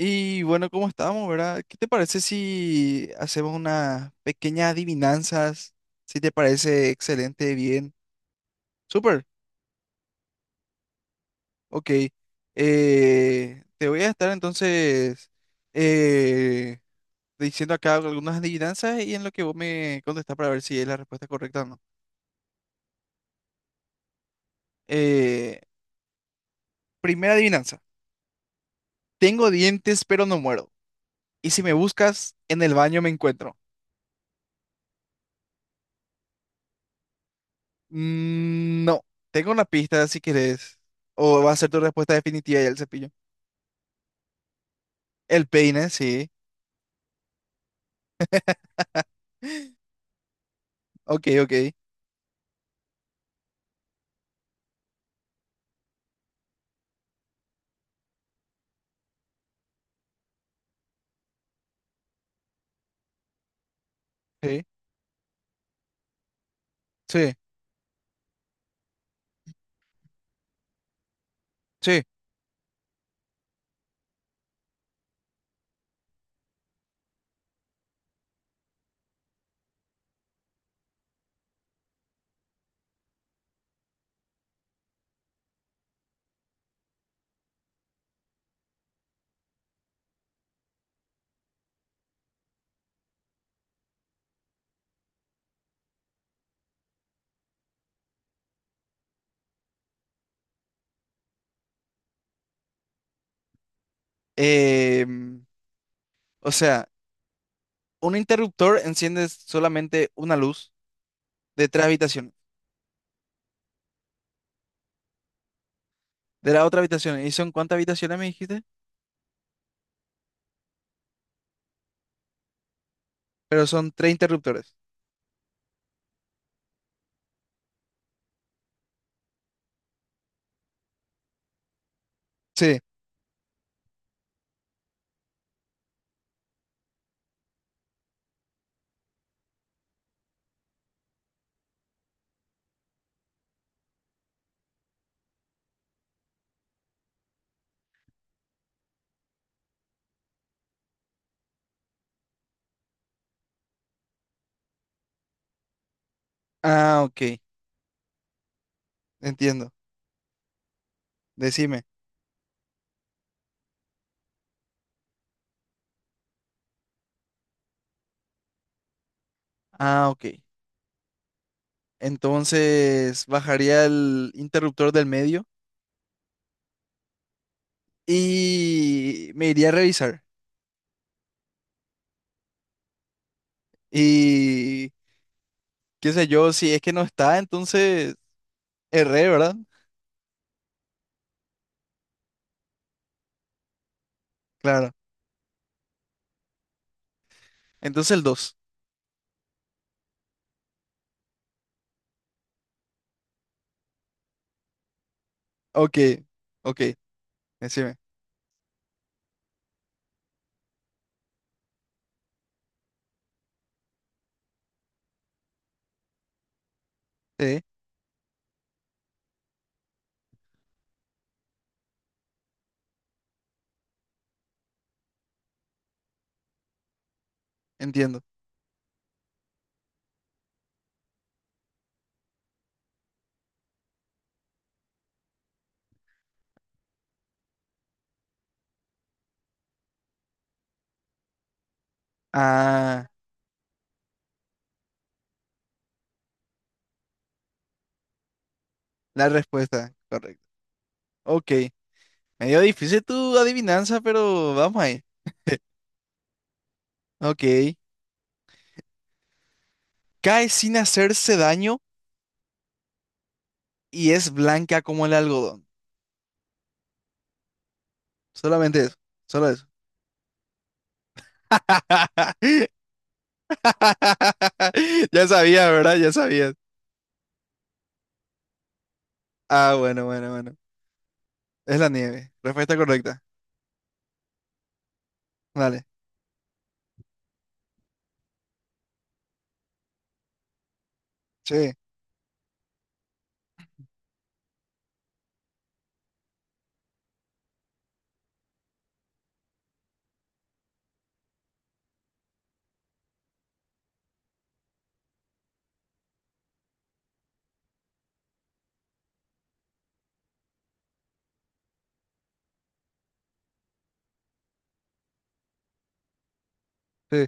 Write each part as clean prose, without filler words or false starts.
Y bueno, ¿cómo estamos, verdad? ¿Qué te parece si hacemos unas pequeñas adivinanzas? Si te parece excelente, bien. Súper, ok. Te voy a estar entonces eh, diciendo acá algunas adivinanzas y en lo que vos me contestás para ver si es la respuesta correcta o no. Eh, Primera adivinanza. Tengo dientes, pero no muero. Y si me buscas, en el baño me encuentro. Mm, no, tengo una pista si querés. O va a ser tu respuesta definitiva ya el cepillo. El peine, sí. Ok, ok. Sí, sí, sí. Em, o sea, un interruptor enciende solamente una luz de tres habitaciones. De la otra habitación. ¿Y son cuántas habitaciones me dijiste? Pero son tres interruptores. Sí. Ah, ok. Entiendo. Decime. Ah, ok. Entonces bajaría el interruptor del medio y me iría a revisar. Y qué sé yo, si es que no está, entonces erré, ¿verdad? Claro. Entonces el dos. Ok, ok, decime. Sí, entiendo. Ah, la respuesta, correcto. Ok, medio difícil tu adivinanza, pero vamos ahí. Ok, cae sin hacerse daño y es blanca como el algodón. Solamente eso, solo eso. Ya sabías, ¿verdad? Ya sabías. Ah, bueno, bueno, bueno. Es la nieve. Respuesta correcta. Dale. Sí, sí,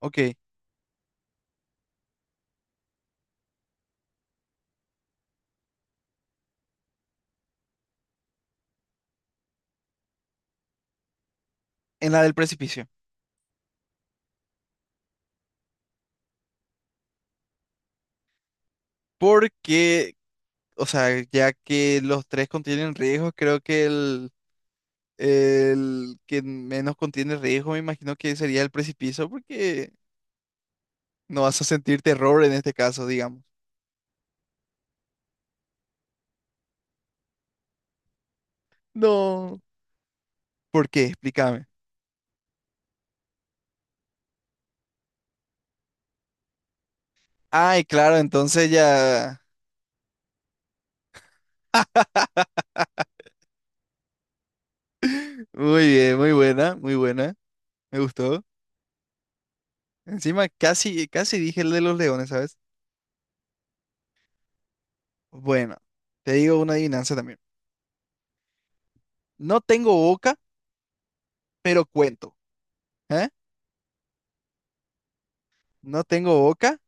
ok. En la del precipicio. Porque, o sea, ya que los tres contienen riesgos, creo que el que menos contiene riesgo, me imagino que sería el precipicio, porque no vas a sentir terror en este caso, digamos. No. ¿Por qué? Explícame. Ay, claro, entonces ya. Muy bien, muy buena, muy buena. Me gustó. Encima casi, casi dije el de los leones, ¿sabes? Bueno, te digo una adivinanza también. No tengo boca, pero cuento. ¿Eh? No tengo boca,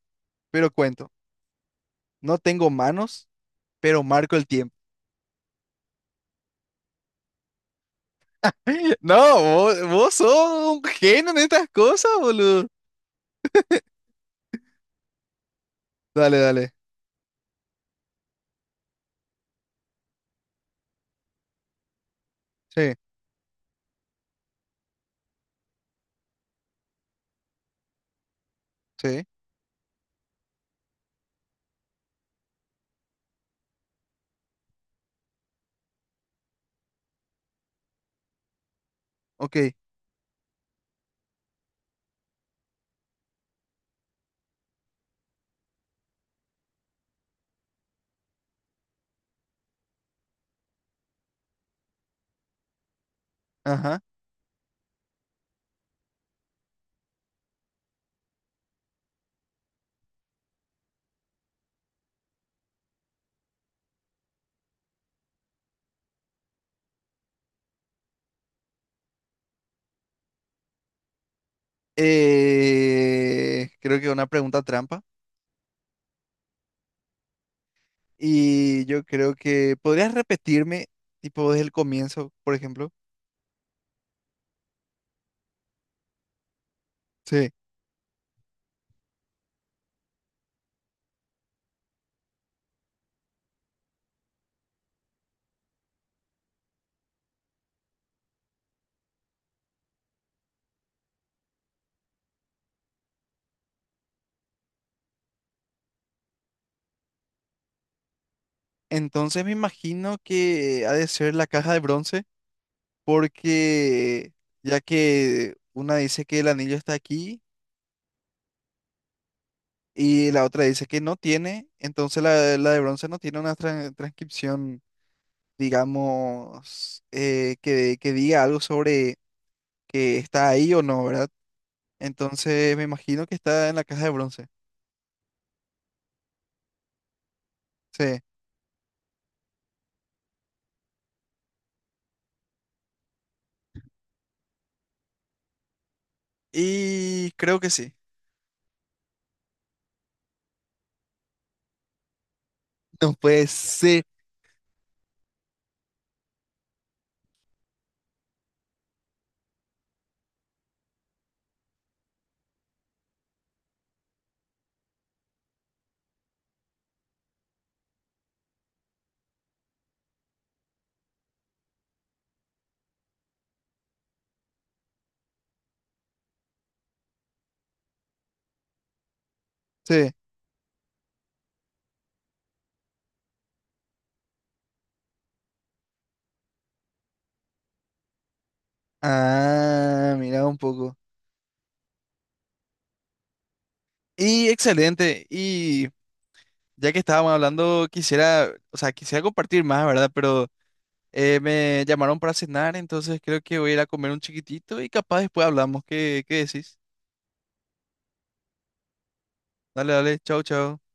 pero cuento. No tengo manos, pero marco el tiempo. No, vos, vos sos un genio en estas cosas, boludo. Dale, dale. Sí, sí. Ok. Ajá. Creo que una pregunta trampa. Y yo creo que podrías repetirme, tipo, desde el comienzo, por ejemplo. Sí. Entonces me imagino que ha de ser la caja de bronce, porque ya que una dice que el anillo está aquí. Y la otra dice que no tiene, entonces la de bronce no tiene una transcripción, digamos, que diga algo sobre que está ahí o no, ¿verdad? Entonces me imagino que está en la caja de bronce. Sí. Y creo que sí. No puede ser. Sí. Ah, mira un poco. Y excelente. Y ya que estábamos hablando, quisiera, o sea, quisiera compartir más, ¿verdad? Pero... Me llamaron para cenar, entonces creo que voy a ir a comer un chiquitito y capaz después hablamos. ¿Qué, qué decís? Dale, dale, chau, chau.